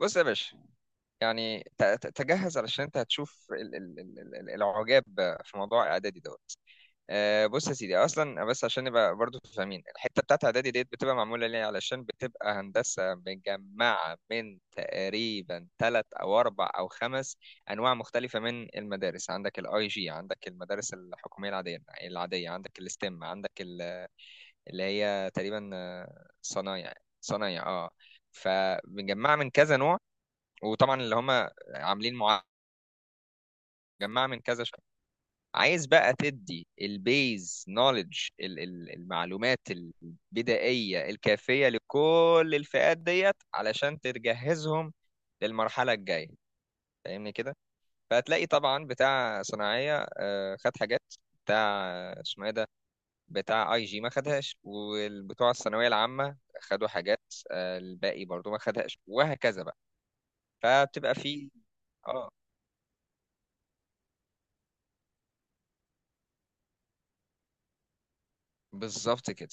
بص يا باشا، يعني تجهز علشان انت هتشوف العجاب في موضوع اعدادي دوت. بص يا سيدي، اصلا بس عشان نبقى برضو فاهمين الحته بتاعت اعدادي ديت بتبقى معموله ليه، علشان بتبقى هندسه مجمعه من تقريبا ثلاث او اربع او خمس انواع مختلفه من المدارس. عندك الاي جي، عندك المدارس الحكوميه العاديه، عندك الاستم، عندك اللي هي تقريبا صنايع. صنايع، اه. فمجمعه من كذا نوع، وطبعا اللي هم عاملين مع- مجمعة من كذا شخص. عايز بقى تدي البيز نولج، المعلومات البدائية الكافية لكل الفئات ديت علشان تجهزهم للمرحلة الجاية، فاهمني كده؟ فهتلاقي طبعا بتاع صناعية خد حاجات بتاع آه، اسمه ايه ده بتاع اي جي ما خدهاش، والبتوع الثانوية العامة خدوا حاجات الباقي برضو ما خدهاش، وهكذا بقى. فبتبقى في. اه، بالظبط كده.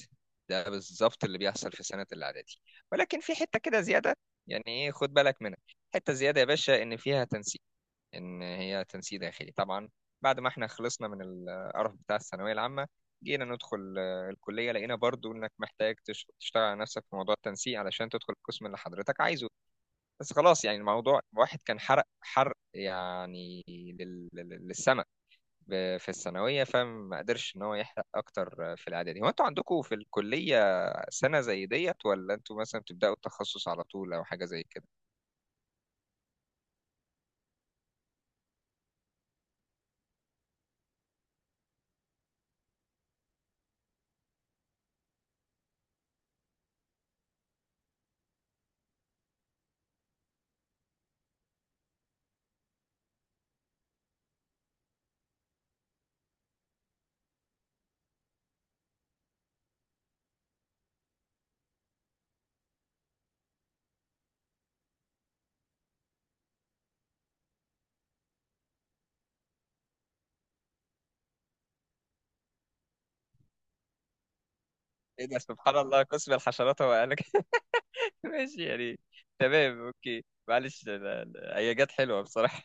ده بالظبط اللي بيحصل في سنة الإعدادي، ولكن في حتة كده زيادة، يعني إيه خد بالك منها. حتة زيادة يا باشا إن فيها تنسيق، إن هي تنسيق داخلي طبعا. بعد ما إحنا خلصنا من القرف بتاع الثانوية العامة، جينا ندخل الكلية، لقينا برضو إنك محتاج تشتغل على نفسك في موضوع التنسيق علشان تدخل القسم اللي حضرتك عايزه. بس خلاص يعني الموضوع واحد، كان حرق حرق يعني للسما في الثانوية، فما قدرش إن هو يحرق أكتر في الإعدادي. هو أنتوا عندكم في الكلية سنة زي ديت، ولا أنتوا مثلا بتبدأوا التخصص على طول أو حاجة زي كده؟ إيه ده، سبحان الله، قسم الحشرات هو قال لك؟ ماشي يعني. تمام، أوكي، معلش، هي جت حلوة بصراحة.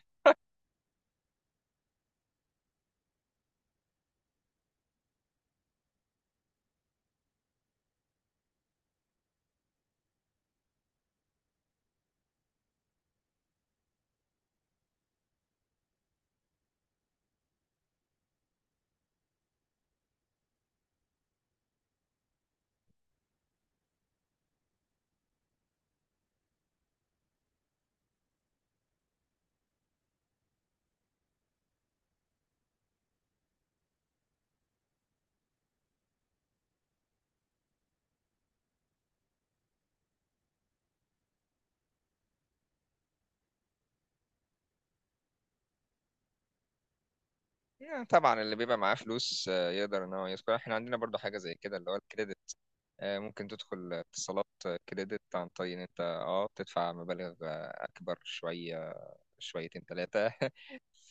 يعني طبعا اللي بيبقى معاه فلوس يقدر ان هو يدخل. احنا عندنا برضو حاجه زي كده، اللي هو الكريدت. ممكن تدخل اتصالات كريدت عن طريق ان انت اه تدفع مبالغ اكبر شويه، شويتين ثلاثه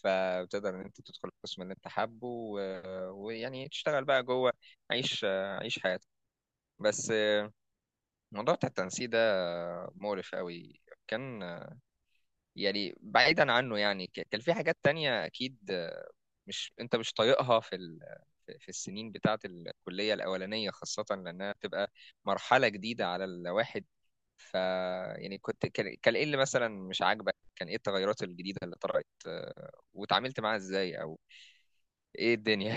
فبتقدر ان انت تدخل القسم اللي انت حابه، ويعني تشتغل بقى جوه، عيش عيش حياتك. بس موضوع بتاع التنسيق ده مقرف قوي. كان يعني بعيدا عنه، يعني كان في حاجات تانية اكيد مش انت مش طايقها في ال... في السنين بتاعه الكليه الاولانيه، خاصه لانها بتبقى مرحله جديده على الواحد. ف، يعني كنت، كان ايه اللي مثلا مش عاجبك، كان ايه التغيرات الجديده اللي طرأت وتعاملت معاها ازاي، او ايه الدنيا؟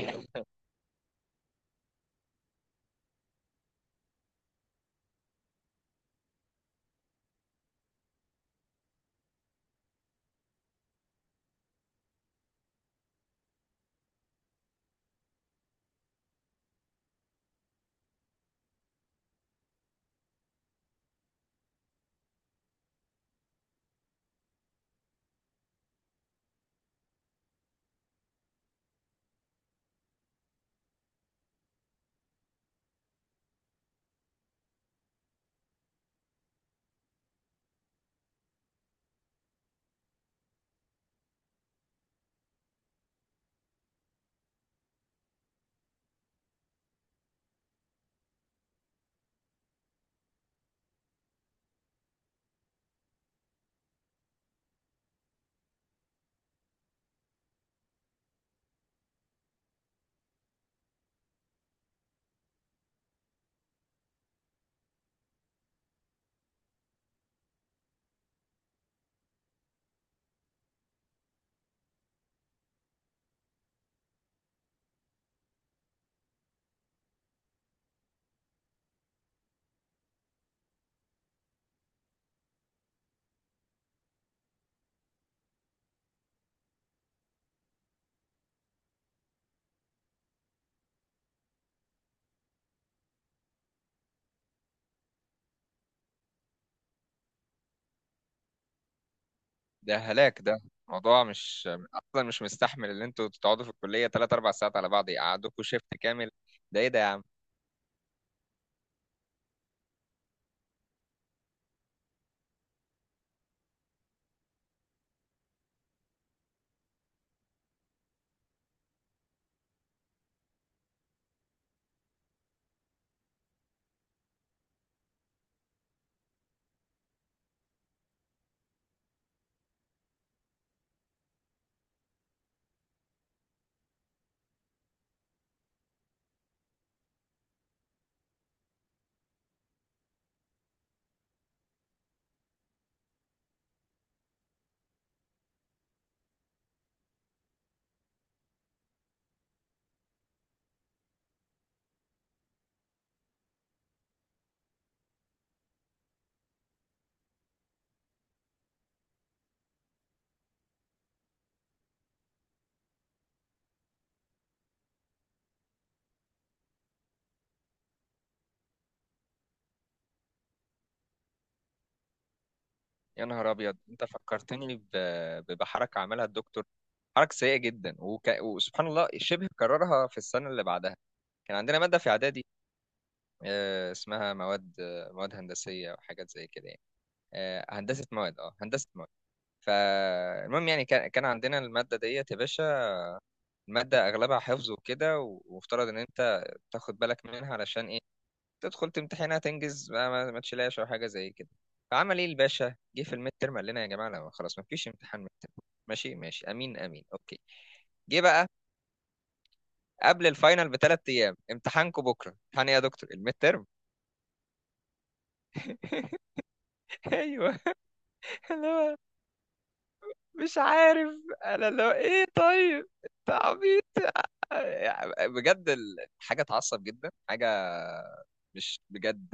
ده هلاك ده. موضوع مش، اصلا مش مستحمل ان انتوا تقعدوا في الكليه 3 4 ساعات على بعض، يقعدوكوا شيفت كامل. ده ايه ده يا عم؟ يا نهار ابيض، انت فكرتني بحركه عملها الدكتور. حركه سيئه جدا، وسبحان الله شبه كررها في السنه اللي بعدها. كان عندنا ماده في اعدادي اسمها مواد مواد هندسيه وحاجات زي كده يعني هندسه مواد. اه، هندسه مواد. فالمهم، يعني كان عندنا الماده ديت يا باشا. الماده اغلبها حفظ وكده، ومفترض ان انت تاخد بالك منها علشان ايه، تدخل تمتحنها تنجز، ما تشيلهاش او حاجه زي كده. فعمل ايه الباشا؟ جه في الميد ترم قال لنا يا جماعه لا خلاص ما فيش امتحان ميد ترم. ماشي ماشي، امين امين، اوكي. جه بقى قبل الفاينل بثلاث ايام: امتحانكم بكره. امتحان ايه يا دكتور؟ الميد ترم. ايوه. اللي هو، مش عارف، انا اللي هو ايه، طيب انت عبيط. يعني بجد حاجه تعصب جدا، حاجه مش بجد،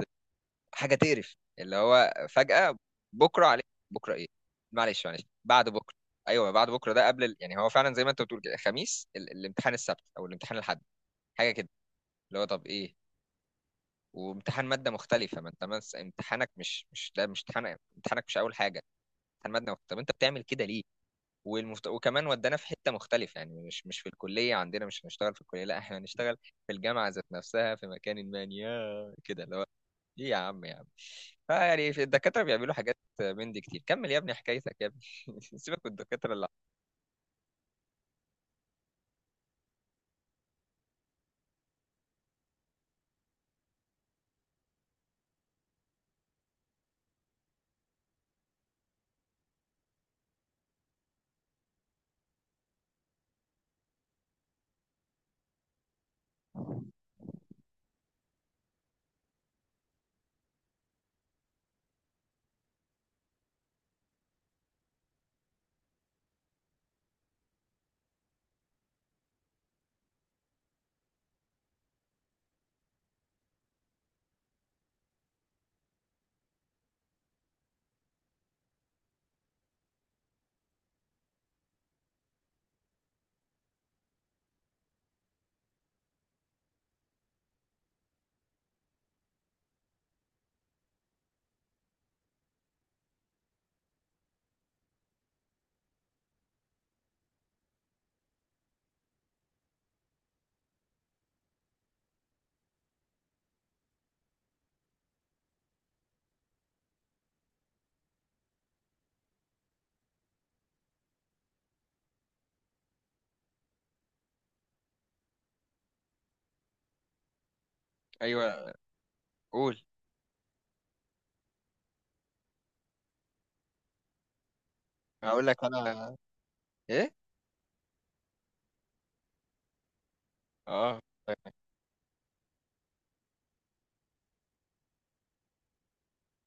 حاجه تقرف، اللي هو فجاه بكره عليك. بكره؟ ايه، معلش معلش بعد بكره. ايوه بعد بكره ده، قبل ال... يعني هو فعلا زي ما انت بتقول كده، خميس ال... الامتحان السبت او الامتحان الاحد، حاجه كده. اللي هو طب ايه، وامتحان ماده مختلفه. ما انت امتحانك مش ده، مش امتحان، امتحانك مش اول حاجه، امتحان ماده مختلفه. طب انت بتعمل كده ليه؟ وكمان ودانا في حته مختلفه، يعني مش في الكليه، عندنا مش هنشتغل في الكليه، لا احنا هنشتغل في الجامعه ذات نفسها في مكان ما يا كده. اللي هو ايه يا عم يا عم؟ فيعني في الدكاتره بيعملوا حاجات من دي كتير. كمل يا ابني حكايتك يا ابني. سيبك من الدكاتره اللي. ايوه، قول. هقول لك انا، ايه؟ اه.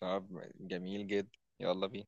طب جميل جدا، يلا بينا.